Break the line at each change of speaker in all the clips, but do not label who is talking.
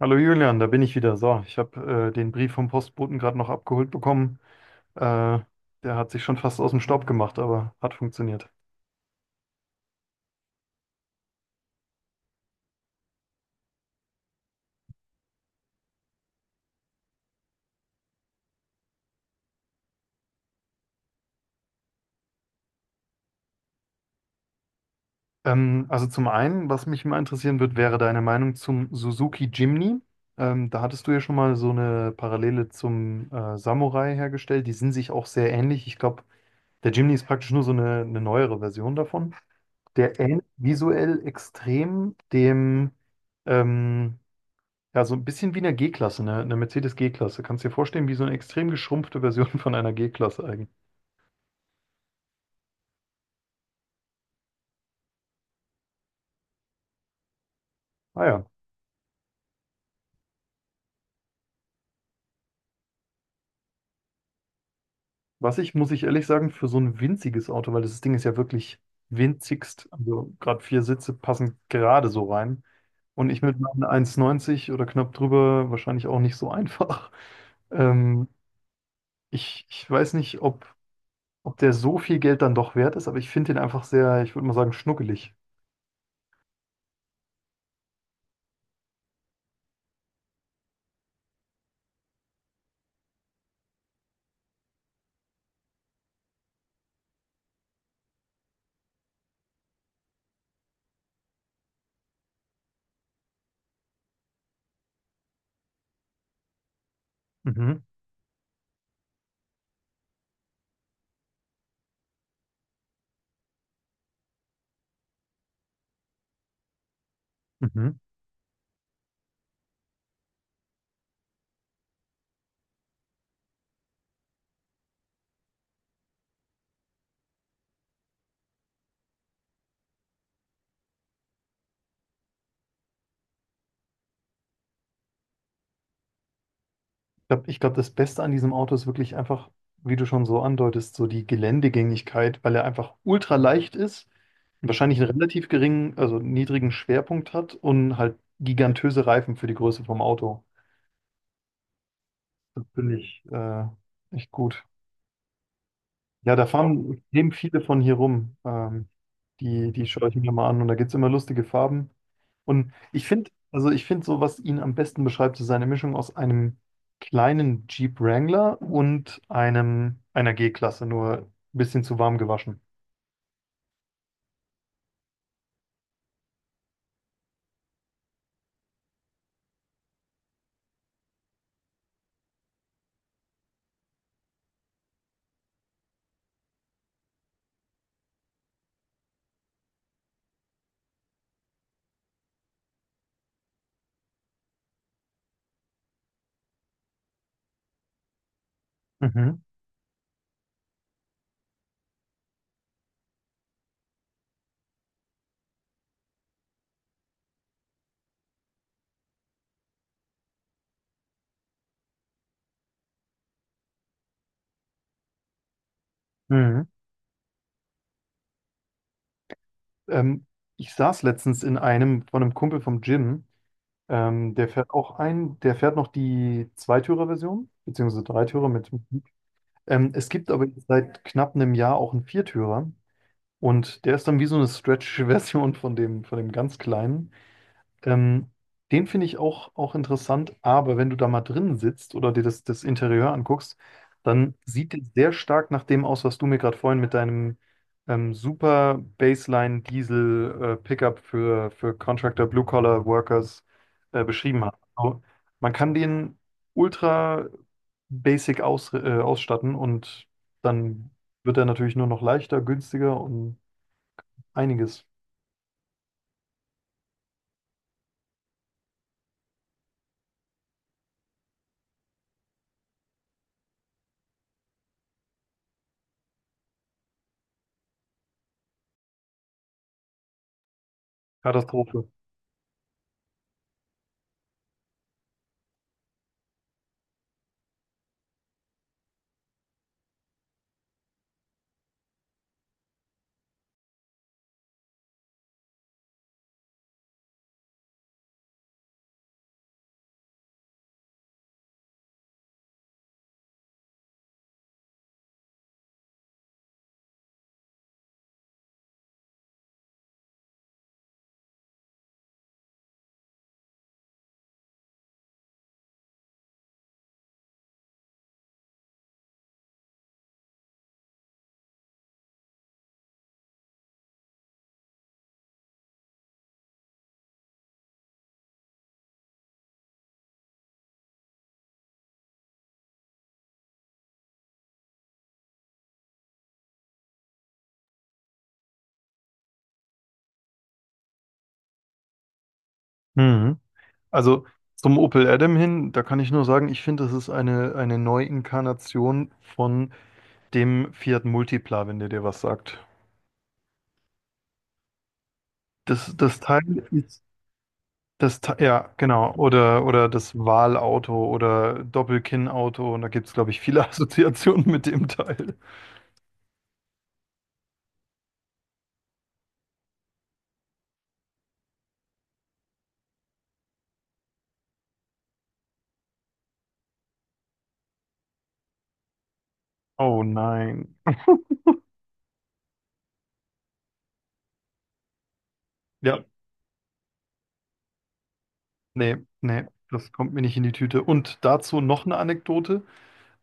Hallo Julian, da bin ich wieder. So, ich habe den Brief vom Postboten gerade noch abgeholt bekommen. Äh, Der hat sich schon fast aus dem Staub gemacht, aber hat funktioniert. Also zum einen, was mich mal interessieren wird, wäre deine Meinung zum Suzuki Jimny. Da hattest du ja schon mal so eine Parallele zum Samurai hergestellt. Die sind sich auch sehr ähnlich. Ich glaube, der Jimny ist praktisch nur so eine neuere Version davon. Der ähnelt visuell extrem dem ähm, ja, so ein bisschen wie eine G-Klasse, ne? Eine Mercedes G-Klasse. Kannst dir vorstellen, wie so eine extrem geschrumpfte Version von einer G-Klasse eigentlich. Ah ja. Was ich, muss ich ehrlich sagen, für so ein winziges Auto, weil das Ding ist ja wirklich winzigst, also gerade vier Sitze passen gerade so rein. Und ich mit meinen 1,90 oder knapp drüber wahrscheinlich auch nicht so einfach. Ähm, ich weiß nicht, ob, ob der so viel Geld dann doch wert ist, aber ich finde den einfach sehr, ich würde mal sagen, schnuckelig. Mhm. Mhm. Glaub, ich glaube, das Beste an diesem Auto ist wirklich einfach, wie du schon so andeutest, so die Geländegängigkeit, weil er einfach ultra leicht ist, wahrscheinlich einen relativ geringen, also niedrigen Schwerpunkt hat und halt gigantöse Reifen für die Größe vom Auto. Das finde ich echt gut. Ja, da fahren eben viele von hier rum. Die, die schaue ich mir mal an und da gibt es immer lustige Farben. Und ich finde, also ich finde so, was ihn am besten beschreibt, ist seine Mischung aus einem kleinen Jeep Wrangler und einem einer G-Klasse, nur ein bisschen zu warm gewaschen. Mhm. Mhm. Ähm, Ich saß letztens in einem von einem Kumpel vom Gym, der fährt auch ein, der fährt noch die Zweitürer-Version, beziehungsweise Dreitürer mit. Es gibt aber jetzt seit knapp einem Jahr auch einen Viertürer und der ist dann wie so eine Stretch-Version von dem ganz kleinen. Ähm, Den finde ich auch, auch interessant, aber wenn du da mal drin sitzt oder dir das, das Interieur anguckst, dann sieht es sehr stark nach dem aus, was du mir gerade vorhin mit deinem super Baseline Diesel Pickup für Contractor Blue Collar Workers beschrieben hast. Also, man kann den ultra basic aus, ausstatten und dann wird er natürlich nur noch leichter, günstiger und einiges. Katastrophe. Mhm. Also zum Opel Adam hin, da kann ich nur sagen, ich finde, das ist eine Neuinkarnation von dem Fiat Multipla, wenn der dir was sagt. Das, das Teil ist, das, Te- ja, genau, oder das Wahlauto oder Doppelkinnauto, und da gibt es, glaube ich, viele Assoziationen mit dem Teil. Oh nein. Ja, nee, nee, das kommt mir nicht in die Tüte. Und dazu noch eine Anekdote,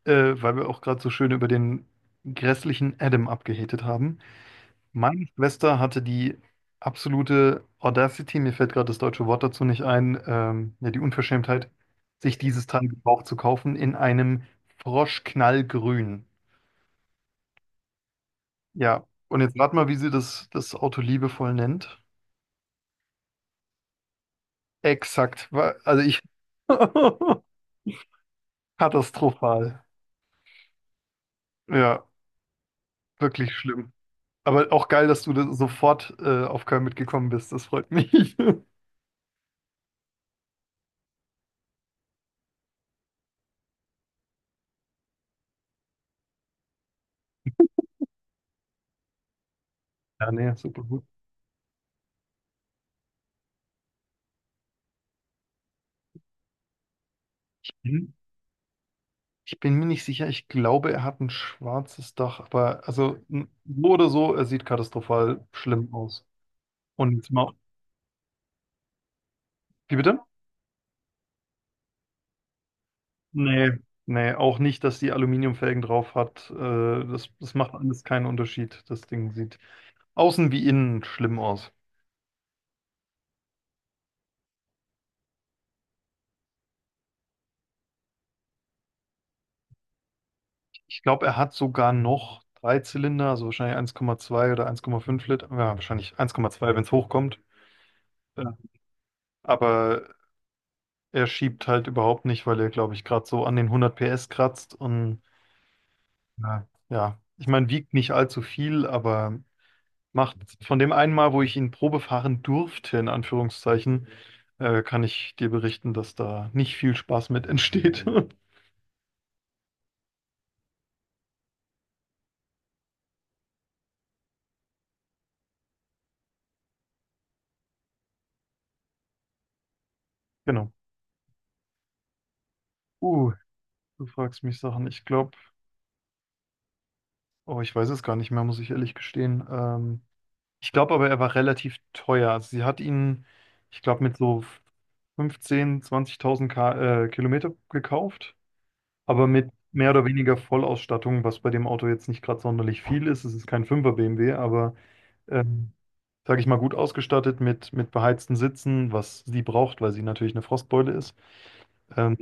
weil wir auch gerade so schön über den grässlichen Adam abgehatet haben. Meine Schwester hatte die absolute Audacity, mir fällt gerade das deutsche Wort dazu nicht ein, ja, die Unverschämtheit, sich dieses Teil gebraucht zu kaufen in einem Froschknallgrün. Ja, und jetzt rat mal, wie sie das, das Auto liebevoll nennt. Exakt, wa- also ich. Katastrophal. Ja, wirklich schlimm. Aber auch geil, dass du da sofort auf Köln mitgekommen bist, das freut mich. Ja, nee, super gut. Mhm. Ich bin mir nicht sicher. Ich glaube, er hat ein schwarzes Dach, aber also n- so oder so, er sieht katastrophal schlimm aus. Und ma- wie bitte? Nee, nee, auch nicht, dass die Aluminiumfelgen drauf hat. Das, das macht alles keinen Unterschied. Das Ding sieht außen wie innen schlimm aus. Ich glaube, er hat sogar noch drei Zylinder, also wahrscheinlich eins Komma zwei oder eins Komma fünf Liter. Ja, wahrscheinlich eins Komma zwei, wenn es hochkommt. Ja. Aber er schiebt halt überhaupt nicht, weil er, glaube ich, gerade so an den 100 PS kratzt und ja, ja. Ich meine, wiegt nicht allzu viel, aber macht von dem einen Mal, wo ich ihn probefahren durfte, in Anführungszeichen, kann ich dir berichten, dass da nicht viel Spaß mit entsteht. Genau. Uh, du fragst mich Sachen. Ich glaube, oh, ich weiß es gar nicht mehr, muss ich ehrlich gestehen. Ich glaube aber, er war relativ teuer. Also sie hat ihn, ich glaube, mit so 15, 20.000 Ka Kilometer gekauft, aber mit mehr oder weniger Vollausstattung, was bei dem Auto jetzt nicht gerade sonderlich viel ist. Es ist kein 5er BMW, aber ähm, sage ich mal, gut ausgestattet mit beheizten Sitzen, was sie braucht, weil sie natürlich eine Frostbeule ist. Ähm,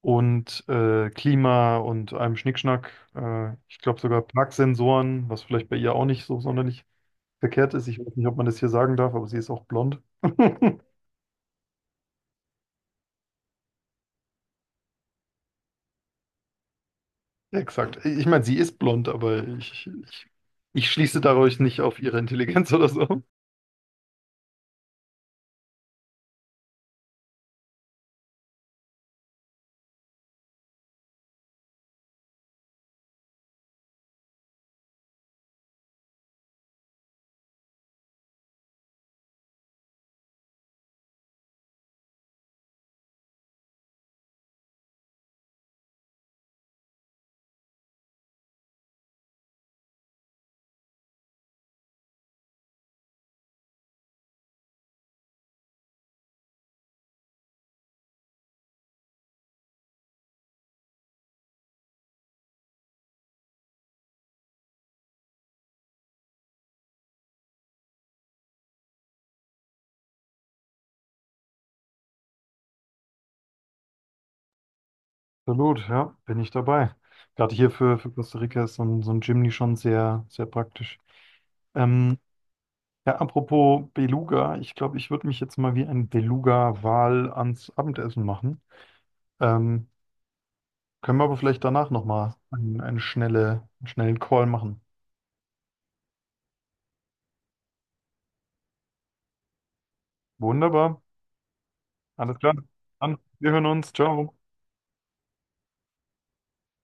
und Klima und einem Schnickschnack. Ich glaube sogar Parksensoren, was vielleicht bei ihr auch nicht so sonderlich verkehrt ist. Ich weiß nicht, ob man das hier sagen darf, aber sie ist auch blond. Exakt. Ich meine, sie ist blond, aber ich schließe dadurch nicht auf ihre Intelligenz oder so. Absolut, ja, bin ich dabei. Gerade hier für Costa Rica ist so ein Jimny schon sehr, sehr praktisch. Ähm, ja, apropos Beluga, ich glaube, ich würde mich jetzt mal wie ein Beluga-Wal ans Abendessen machen. Ähm, Können wir aber vielleicht danach nochmal einen, einen, schnelle, einen schnellen Call machen. Wunderbar, alles klar. Dann, wir hören uns, ciao.